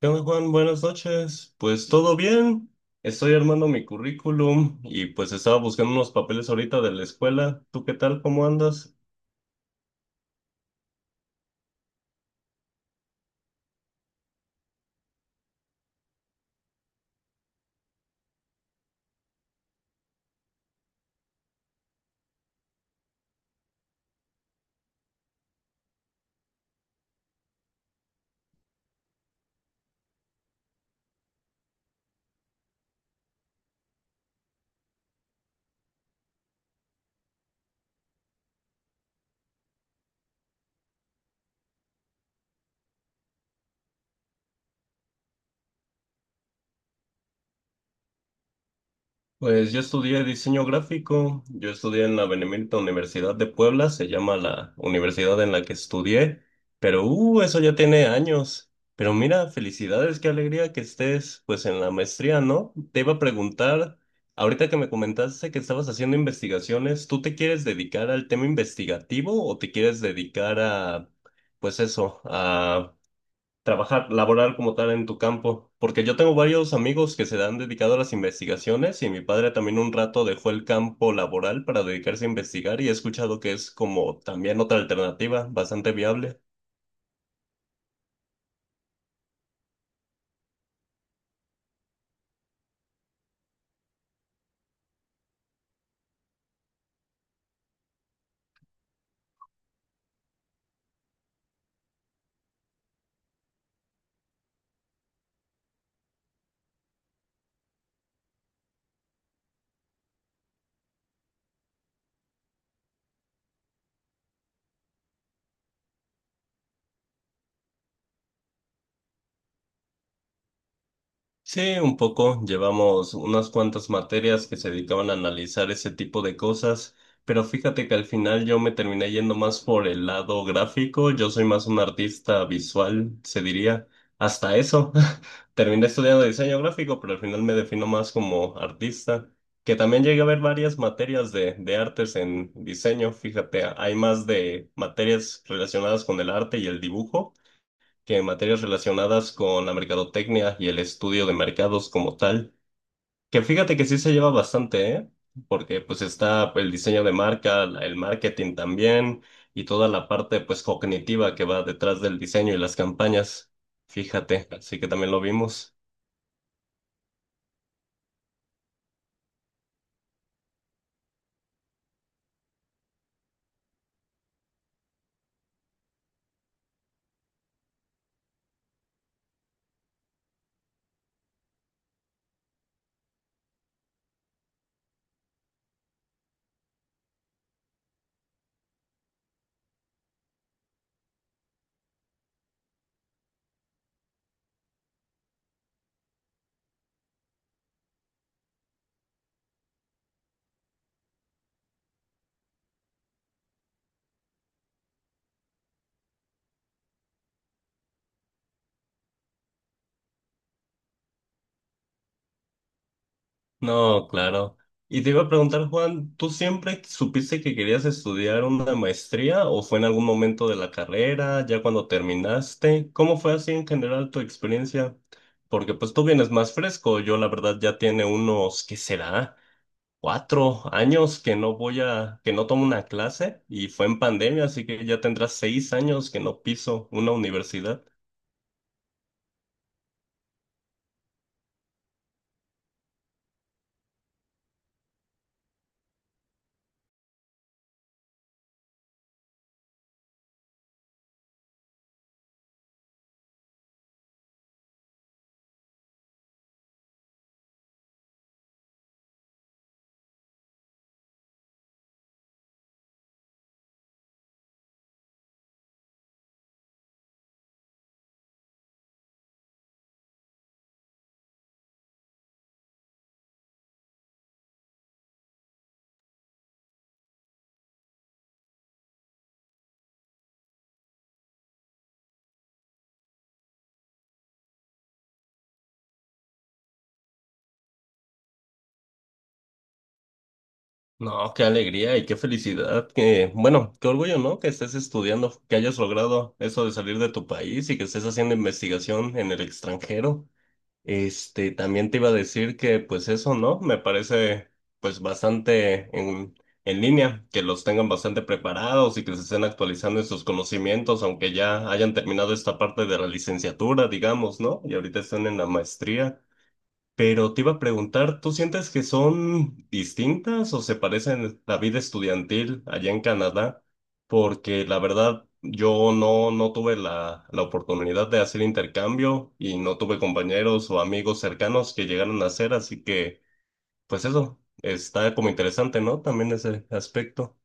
¿Qué onda, Juan? Buenas noches. Pues todo bien. Estoy armando mi currículum y pues estaba buscando unos papeles ahorita de la escuela. ¿Tú qué tal? ¿Cómo andas? Pues yo estudié diseño gráfico, yo estudié en la Benemérita Universidad de Puebla, se llama la universidad en la que estudié, pero eso ya tiene años. Pero mira, felicidades, qué alegría que estés pues en la maestría, ¿no? Te iba a preguntar, ahorita que me comentaste que estabas haciendo investigaciones, ¿tú te quieres dedicar al tema investigativo o te quieres dedicar a, pues eso, a trabajar, laborar como tal en tu campo, porque yo tengo varios amigos que se han dedicado a las investigaciones y mi padre también un rato dejó el campo laboral para dedicarse a investigar y he escuchado que es como también otra alternativa bastante viable. Sí, un poco. Llevamos unas cuantas materias que se dedicaban a analizar ese tipo de cosas, pero fíjate que al final yo me terminé yendo más por el lado gráfico. Yo soy más un artista visual, se diría. Hasta eso. Terminé estudiando diseño gráfico, pero al final me defino más como artista, que también llegué a ver varias materias de artes en diseño. Fíjate, hay más de materias relacionadas con el arte y el dibujo que en materias relacionadas con la mercadotecnia y el estudio de mercados como tal, que fíjate que sí se lleva bastante, ¿eh? Porque pues está el diseño de marca, el marketing también y toda la parte pues cognitiva que va detrás del diseño y las campañas. Fíjate, así que también lo vimos. No, claro. Y te iba a preguntar, Juan, ¿tú siempre supiste que querías estudiar una maestría o fue en algún momento de la carrera, ya cuando terminaste? ¿Cómo fue así en general tu experiencia? Porque pues tú vienes más fresco, yo la verdad ya tiene unos, ¿qué será? 4 años que no tomo una clase y fue en pandemia, así que ya tendrás 6 años que no piso una universidad. No, qué alegría y qué felicidad, que, bueno, qué orgullo, ¿no? Que estés estudiando, que hayas logrado eso de salir de tu país y que estés haciendo investigación en el extranjero. Este, también te iba a decir que, pues eso, ¿no? Me parece, pues, bastante en línea, que los tengan bastante preparados y que se estén actualizando en sus conocimientos, aunque ya hayan terminado esta parte de la licenciatura, digamos, ¿no? Y ahorita están en la maestría. Pero te iba a preguntar, ¿tú sientes que son distintas o se parecen la vida estudiantil allá en Canadá? Porque la verdad, yo no, no tuve la oportunidad de hacer intercambio y no tuve compañeros o amigos cercanos que llegaron a hacer, así que, pues eso, está como interesante, ¿no? También ese aspecto.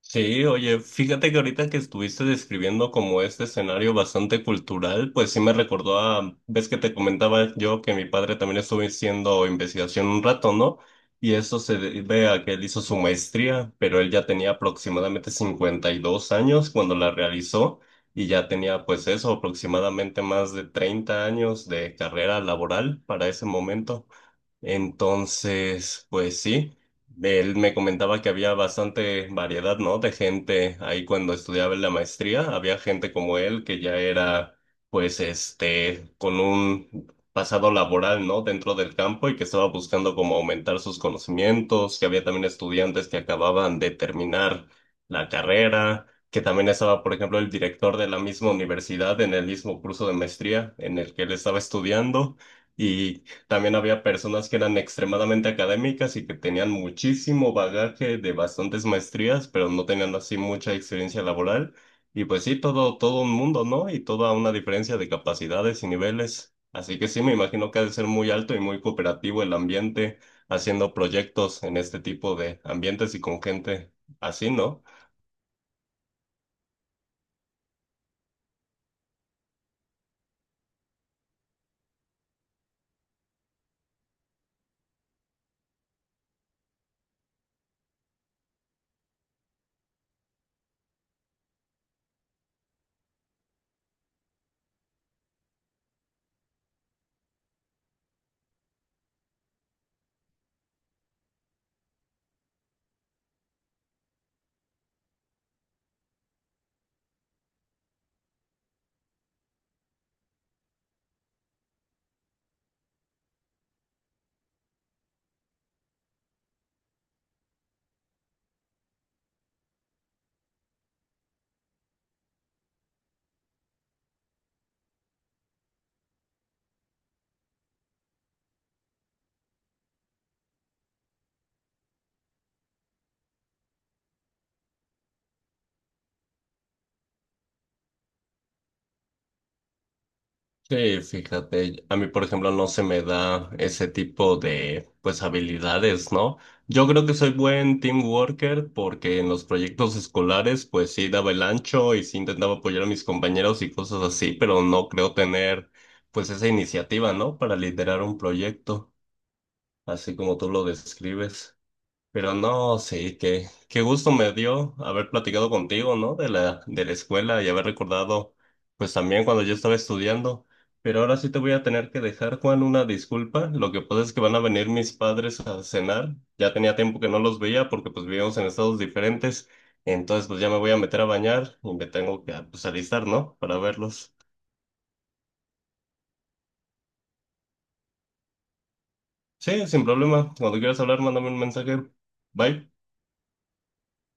Sí, oye, fíjate que ahorita que estuviste describiendo como este escenario bastante cultural, pues sí me recordó a, ves que te comentaba yo que mi padre también estuvo haciendo investigación un rato, ¿no? Y eso se debe a que él hizo su maestría, pero él ya tenía aproximadamente 52 años cuando la realizó y ya tenía pues eso, aproximadamente más de 30 años de carrera laboral para ese momento. Entonces, pues sí, él me comentaba que había bastante variedad, ¿no? De gente ahí cuando estudiaba en la maestría, había gente como él que ya era, pues, este, con un pasado laboral, ¿no? Dentro del campo y que estaba buscando como aumentar sus conocimientos, que había también estudiantes que acababan de terminar la carrera, que también estaba, por ejemplo, el director de la misma universidad en el mismo curso de maestría en el que él estaba estudiando. Y también había personas que eran extremadamente académicas y que tenían muchísimo bagaje de bastantes maestrías, pero no tenían así mucha experiencia laboral. Y pues sí, todo, todo un mundo, ¿no? Y toda una diferencia de capacidades y niveles. Así que sí, me imagino que ha de ser muy alto y muy cooperativo el ambiente haciendo proyectos en este tipo de ambientes y con gente así, ¿no? Sí, fíjate, a mí por ejemplo no se me da ese tipo de pues habilidades, ¿no? Yo creo que soy buen team worker porque en los proyectos escolares pues sí daba el ancho y sí intentaba apoyar a mis compañeros y cosas así, pero no creo tener pues esa iniciativa, ¿no? Para liderar un proyecto, así como tú lo describes. Pero no, sí, qué, qué gusto me dio haber platicado contigo, ¿no? De la escuela y haber recordado, pues también cuando yo estaba estudiando. Pero ahora sí te voy a tener que dejar, Juan, una disculpa. Lo que pasa es que van a venir mis padres a cenar. Ya tenía tiempo que no los veía porque pues vivíamos en estados diferentes. Entonces pues ya me voy a meter a bañar y me tengo que pues, alistar, ¿no? Para verlos. Sí, sin problema. Cuando quieras hablar, mándame un mensaje. Bye.